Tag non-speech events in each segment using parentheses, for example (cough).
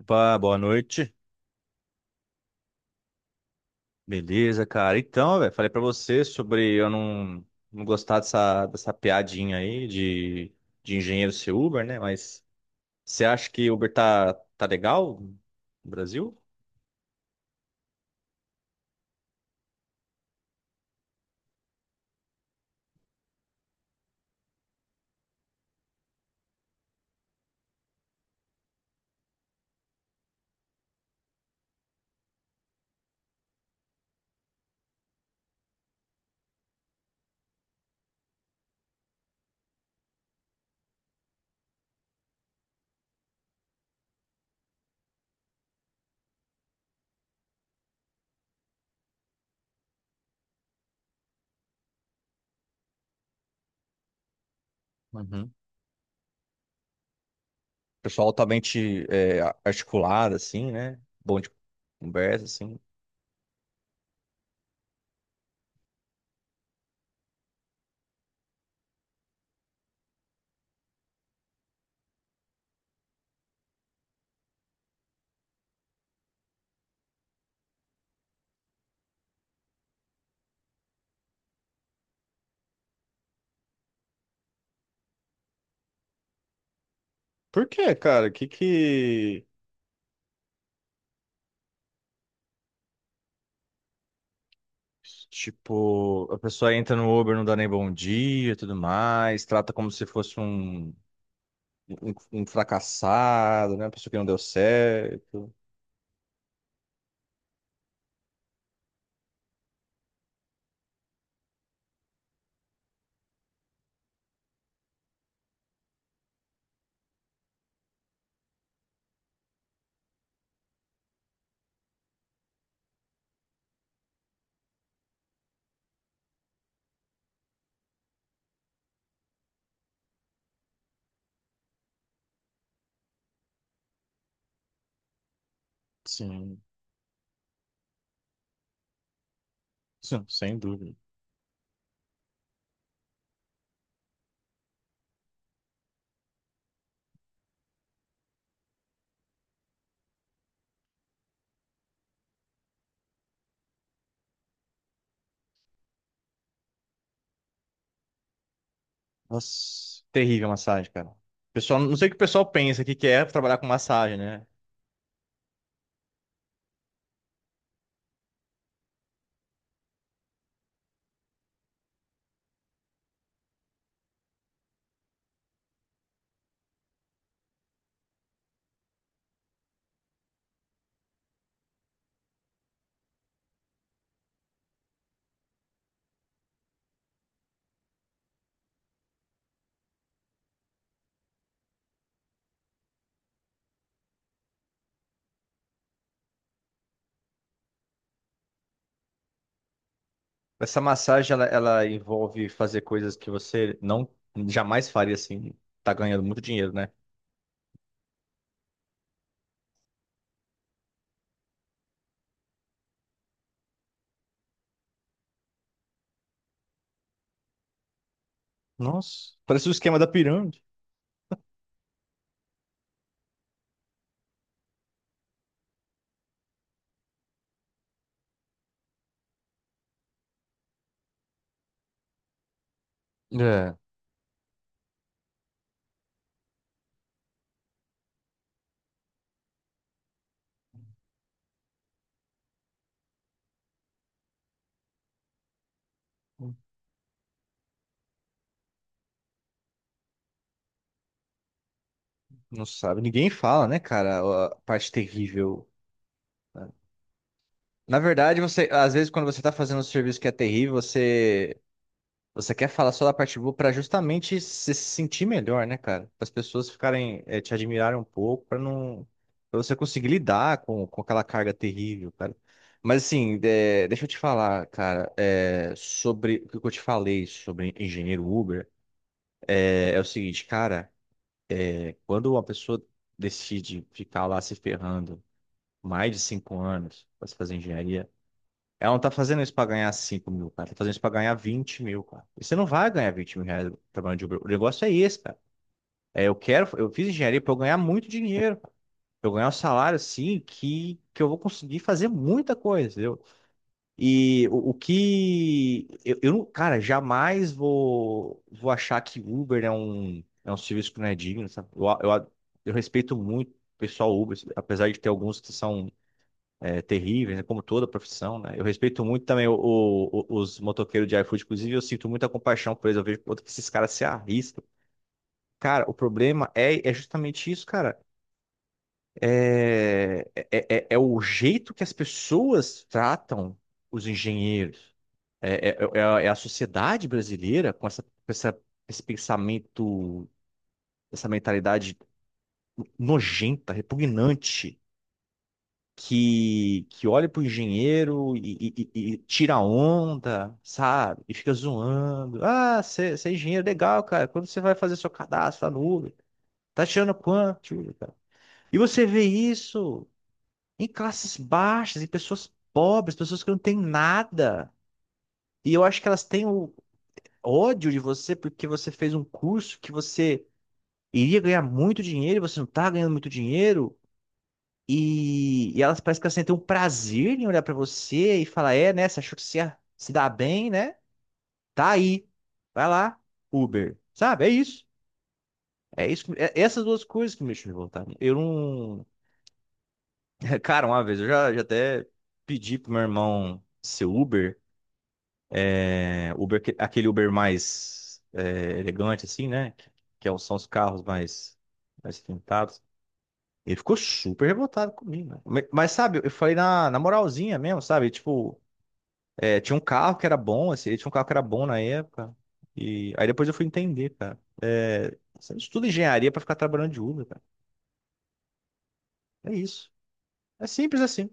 Opa, boa noite. Beleza, cara. Então, velho, falei pra você sobre eu não gostar dessa piadinha aí de engenheiro ser Uber, né? Mas você acha que Uber tá legal no Brasil? Uhum. Pessoal altamente articulado, assim, né? Bom de conversa, assim. Por quê, cara? Que que. Tipo, a pessoa entra no Uber, não dá nem bom dia e tudo mais, trata como se fosse um, um fracassado, né? Uma pessoa que não deu certo. Sim, sim, sem dúvida. Nossa, terrível a massagem, cara. Pessoal, não sei o que o pessoal pensa que é trabalhar com massagem, né? Essa massagem, ela envolve fazer coisas que você não jamais faria assim, tá ganhando muito dinheiro, né? Nossa. Parece o esquema da pirâmide. É. Não sabe, ninguém fala, né, cara, a parte terrível. Na verdade, você, às vezes, quando você tá fazendo um serviço que é terrível. Você quer falar só da parte boa para justamente se sentir melhor, né, cara? Para as pessoas ficarem, te admirarem um pouco, para não, para você conseguir lidar com aquela carga terrível, cara. Mas assim, deixa eu te falar, cara, sobre o que eu te falei sobre engenheiro Uber, é o seguinte, cara, quando uma pessoa decide ficar lá se ferrando mais de 5 anos para se fazer engenharia ela não tá fazendo isso pra ganhar 5 mil, cara. Tá fazendo isso pra ganhar 20 mil, cara. E você não vai ganhar 20 mil reais trabalhando de Uber. O negócio é esse, cara. É, eu fiz engenharia pra eu ganhar muito dinheiro, cara. Pra eu ganhar um salário assim que eu vou conseguir fazer muita coisa, entendeu? E o que eu não, cara, jamais vou achar que Uber é um serviço que não é digno, sabe? Eu respeito muito o pessoal Uber, apesar de ter alguns que são terríveis, né, como toda profissão, né? Eu respeito muito também os motoqueiros de iFood, inclusive eu sinto muita compaixão por eles, eu vejo o quanto que esses caras se arriscam. Cara, o problema é justamente isso, cara. É o jeito que as pessoas tratam os engenheiros. É a sociedade brasileira com essa, esse pensamento, essa mentalidade nojenta, repugnante que olha pro engenheiro e tira onda, sabe? E fica zoando. Ah, você é engenheiro, legal, cara. Quando você vai fazer seu cadastro lá no Uber, tá tirando quanto, Uber, cara? E você vê isso em classes baixas, em pessoas pobres, pessoas que não têm nada. E eu acho que elas têm o ódio de você porque você fez um curso que você iria ganhar muito dinheiro e você não tá ganhando muito dinheiro. E elas parecem que elas sentem um prazer em olhar pra você e falar, é, né? Você achou que você ia se dá bem, né? Tá aí. Vai lá, Uber. Sabe? É isso. É isso. É essas duas coisas que me deixam revoltado. Eu não. (laughs) Cara, uma vez eu já até pedi pro meu irmão ser Uber. É, Uber, aquele Uber mais elegante, assim, né? São os carros mais pintados. Ele ficou super revoltado comigo, né? Mas, sabe, eu falei na moralzinha mesmo, sabe? Tipo. É, tinha um carro que era bom, assim, tinha um carro que era bom na época. E aí depois eu fui entender, cara. É, você não estuda engenharia pra ficar trabalhando de Uber, cara. É isso. É simples assim.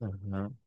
Uhum.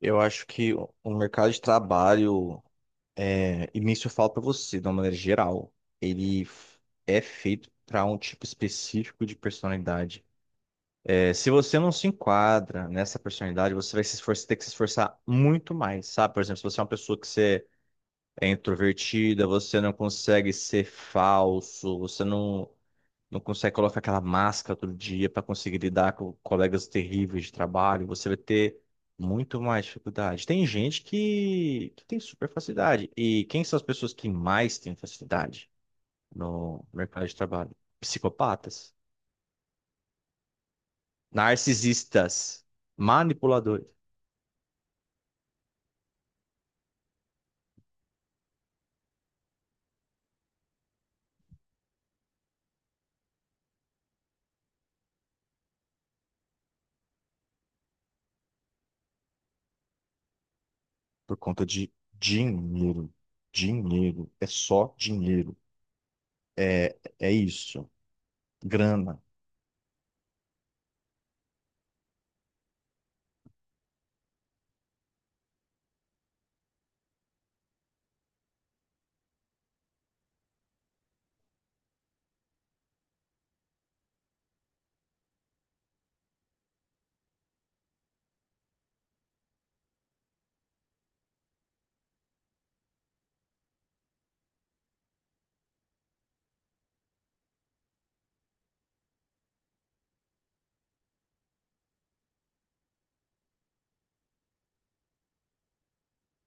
Eu acho que o mercado de trabalho, é, e nisso eu falo pra você, de uma maneira geral, ele f- é feito pra um tipo específico de personalidade. É, se você não se enquadra nessa personalidade, você vai se esforçar, ter que se esforçar muito mais, sabe? Por exemplo, se você é uma pessoa que você é introvertida, você não consegue ser falso, você não, não consegue colocar aquela máscara todo dia para conseguir lidar com colegas terríveis de trabalho, você vai ter muito mais dificuldade. Tem gente que tem super facilidade. E quem são as pessoas que mais têm facilidade no mercado de trabalho? Psicopatas, narcisistas, manipuladores, por conta de dinheiro. Dinheiro, é só dinheiro, é isso. Grana.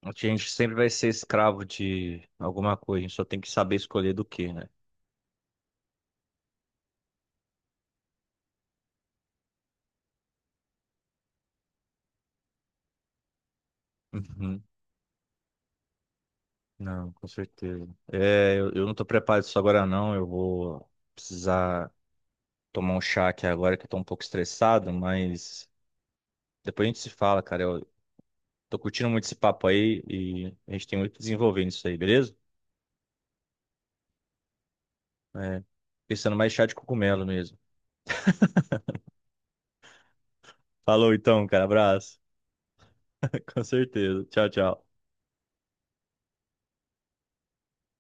A gente sempre vai ser escravo de alguma coisa, a gente só tem que saber escolher do que, né? Uhum. Não, com certeza. É, eu não tô preparado isso agora não, eu vou precisar tomar um chá aqui agora que eu tô um pouco estressado, mas depois a gente se fala, cara. Eu tô curtindo muito esse papo aí e a gente tem muito que desenvolver nisso aí, beleza? É, pensando mais chá de cogumelo mesmo. Falou então, cara, abraço. (laughs) Com certeza. Tchau, tchau.